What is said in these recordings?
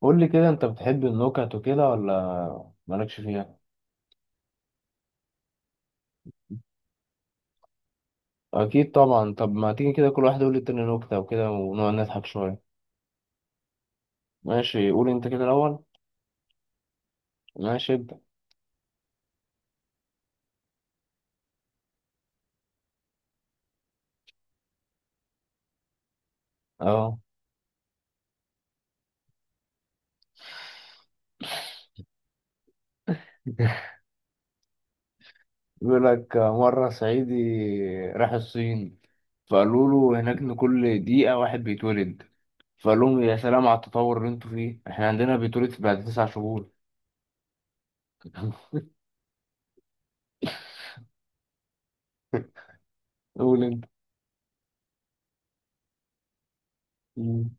قول لي كده، انت بتحب النكت وكده ولا مالكش فيها؟ اكيد طبعا. طب ما تيجي كده كل واحد يقول للتاني نكتة وكده، ونقعد نضحك شوية. ماشي، قول انت كده الاول. ماشي، ابدأ. اه. بيقول لك مرة صعيدي راح الصين، فقالوا له هناك إن كل دقيقة واحد بيتولد. فقال لهم يا سلام على التطور اللي انتوا فيه، احنا عندنا بيتولد بعد تسع شهور. قول انت. مم.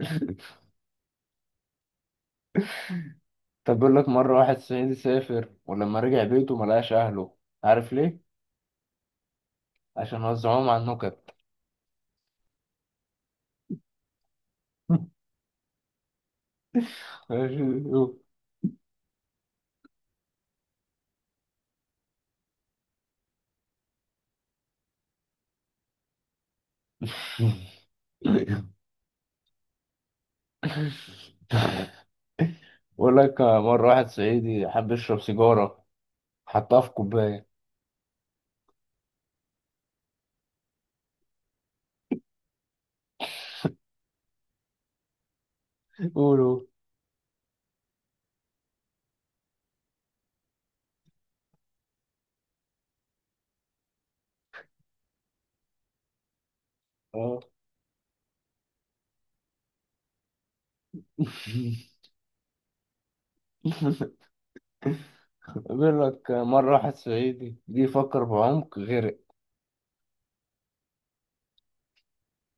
طب بيقول لك مرة واحد صعيدي سافر، ولما رجع بيته ملقاش أهله. عارف ليه؟ عشان وزعوهم على النكت. ماشي. بقول لك مرة واحد صعيدي حب يشرب سيجارة، حطها في كوباية. قولوا. اه. بيقول لك مرة واحد صعيدي جه يفكر بعمق غرق.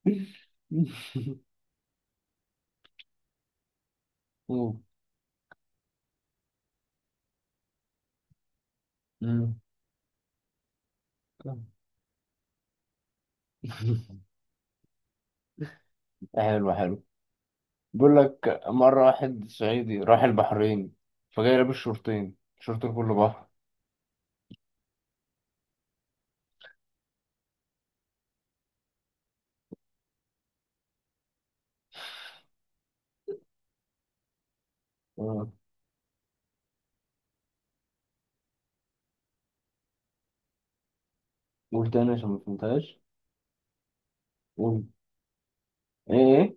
قول. مم. حلو حلو. بيقول لك مرة واحد صعيدي راح البحرين، فجاي لابس شورتين، شورت كله بحر. آه. قول تاني عشان ما فهمتهاش. قول. ايه ايه.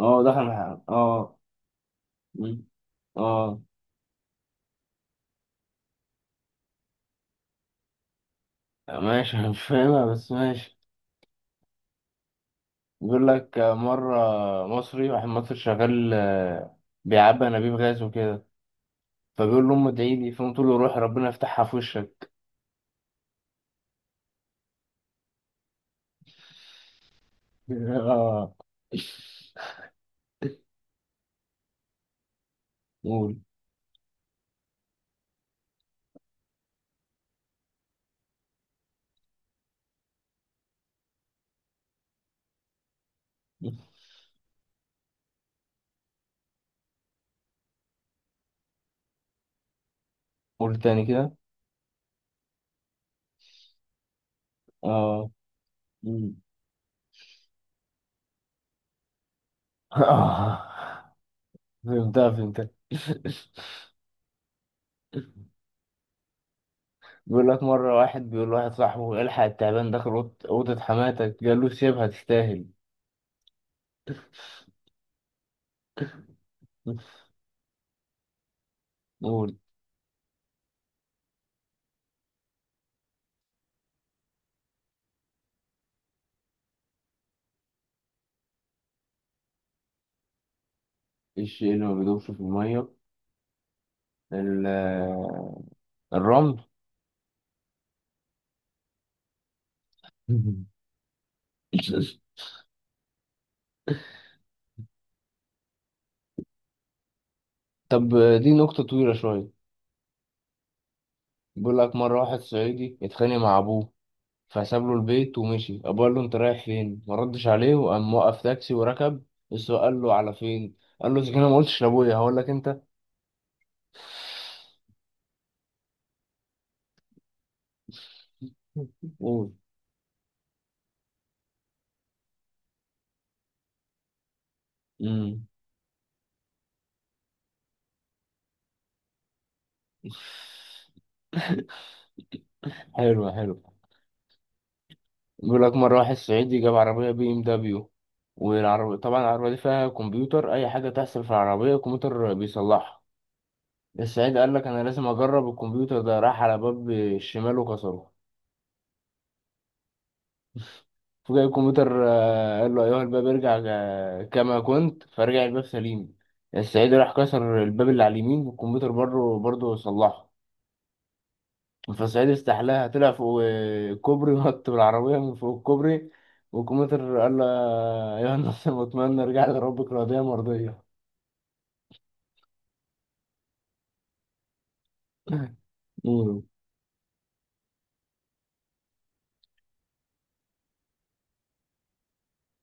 اه، دخل الحمام، اه. مم. اه. ماشي. أنا مش فاهمها بس ماشي. بيقول لك مرة واحد مصري شغال، بيعبي أنابيب غاز وكده. فبيقول لأمه ادعي لي، فأمه تقول له روح ربنا يفتحها في وشك. اه. قول. قول تاني كده. اه. مم. اه، فهمتها فهمتها. بيقول لك مرة واحد بيقول لواحد صاحبه الحق التعبان داخل أوضة حماتك، قال له سيبها تستاهل. قول. ايه الشيء اللي ما بيدوبش في الميه؟ ال- الرمل. طب، دي نقطة طويلة شوية. بيقول لك مرة واحد صعيدي اتخانق مع أبوه، فساب له البيت ومشي. أبوه قال له أنت رايح فين؟ ما ردش عليه وقام وقف تاكسي وركب. السواق قال له على فين؟ قال له إذا كان أنا ما قلتش لأبويا هقول لك أنت؟ قول. مم. حلو حلو. بيقول لك مرة واحد صعيدي جاب عربية بي ام دبليو، والعربية طبعا العربية دي فيها كمبيوتر، أي حاجة تحصل في العربية الكمبيوتر بيصلحها. الصعيدي قال لك أنا لازم أجرب الكمبيوتر ده. راح على باب الشمال وكسره، فجأة الكمبيوتر قال له أيها الباب ارجع كما كنت، فرجع الباب سليم. الصعيدي راح كسر الباب اللي على اليمين، والكمبيوتر بره برضه صلحه. فصعيدي استحلاها، طلع فوق كوبري ونط بالعربية من فوق الكوبري، والكمبيوتر قال له يا ناصر، واتمنى ارجع لربك راضية مرضية. مم.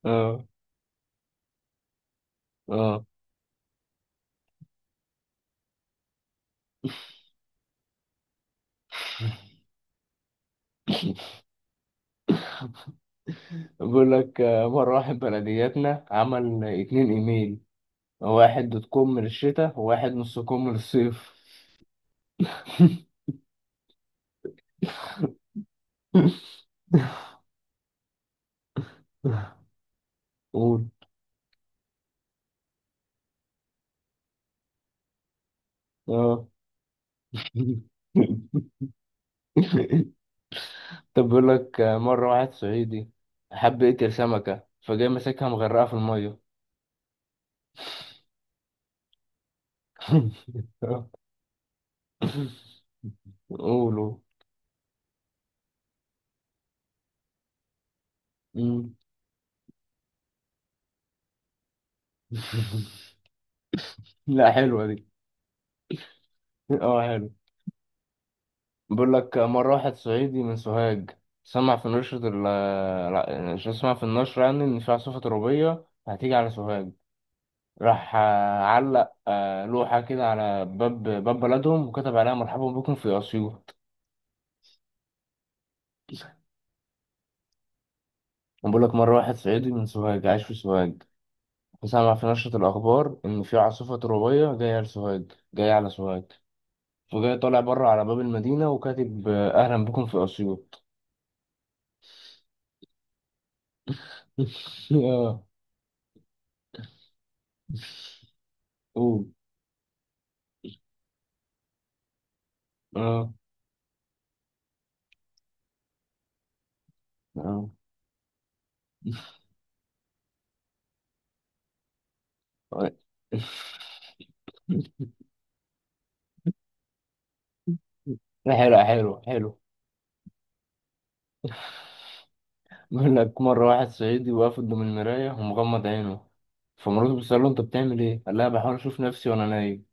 اه اه. بيقول لك مرة واحد بلدياتنا عمل اتنين ايميل، واحد دوت كوم للشتاء وواحد نص كوم للصيف. قول. اه. طب بيقول لك مرة واحد صعيدي حب يقتل سمكة، فجاي ماسكها مغرقة في المية. قولوا. مم. لا، حلوة دي. اه حلو. بقول لك مرة واحد صعيدي من سوهاج، سمع في نشرة لا، شو سمع في النشرة يعني إن في عاصفة ترابية هتيجي على سوهاج. راح علق لوحة كده على باب بلدهم، وكتب عليها مرحبا بكم في أسيوط. بقول لك مرة واحد صعيدي من سوهاج عايش في سوهاج، سمع في نشرة الأخبار إن في عاصفة ترابية جاية على سوهاج جاية على سوهاج. وجاي طالع بره على باب المدينة وكاتب أهلا بكم في أسيوط. اه. قول. اه اه. لا، حلو حلو حلو. بيقول لك مرة واحد صعيدي واقف قدام المراية ومغمض عينه، فمراته بتسأله أنت بتعمل إيه؟ قال لها بحاول أشوف نفسي وأنا نايم.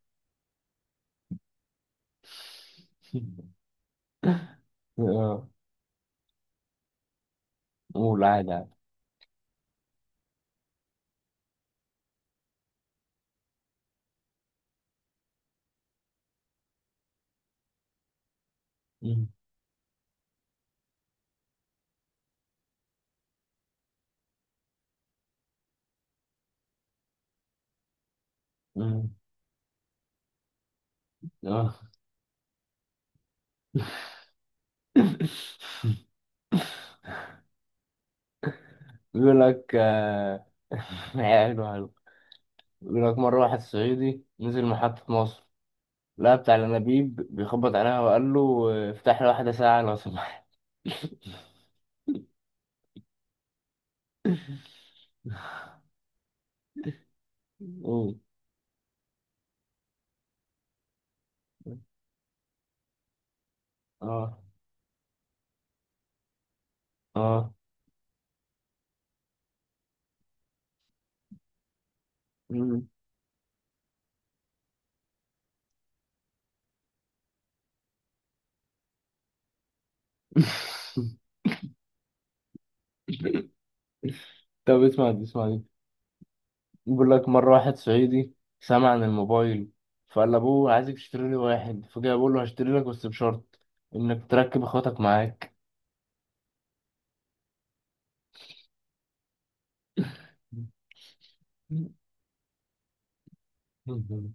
اه. قول عادي عادي. مم. مم. اه. بيقول لك حلو حلو. بيقول لك مرة واحد صعيدي نزل محطة مصر، لقى بتاع الأنابيب بيخبط عليها، وقال له افتح لي واحدة ساعة لو سمحت. أوه. اه اه. مم. طب، اسمع دي اسمع دي. بيقول لك مرة واحد صعيدي سمع عن الموبايل، فقال لأبوه عايزك تشتري لي واحد. فجاء بيقول له هشتري لك بس بشرط إنك تركب إخواتك معاك.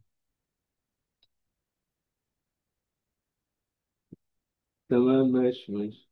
تمام، ماشي ماشي.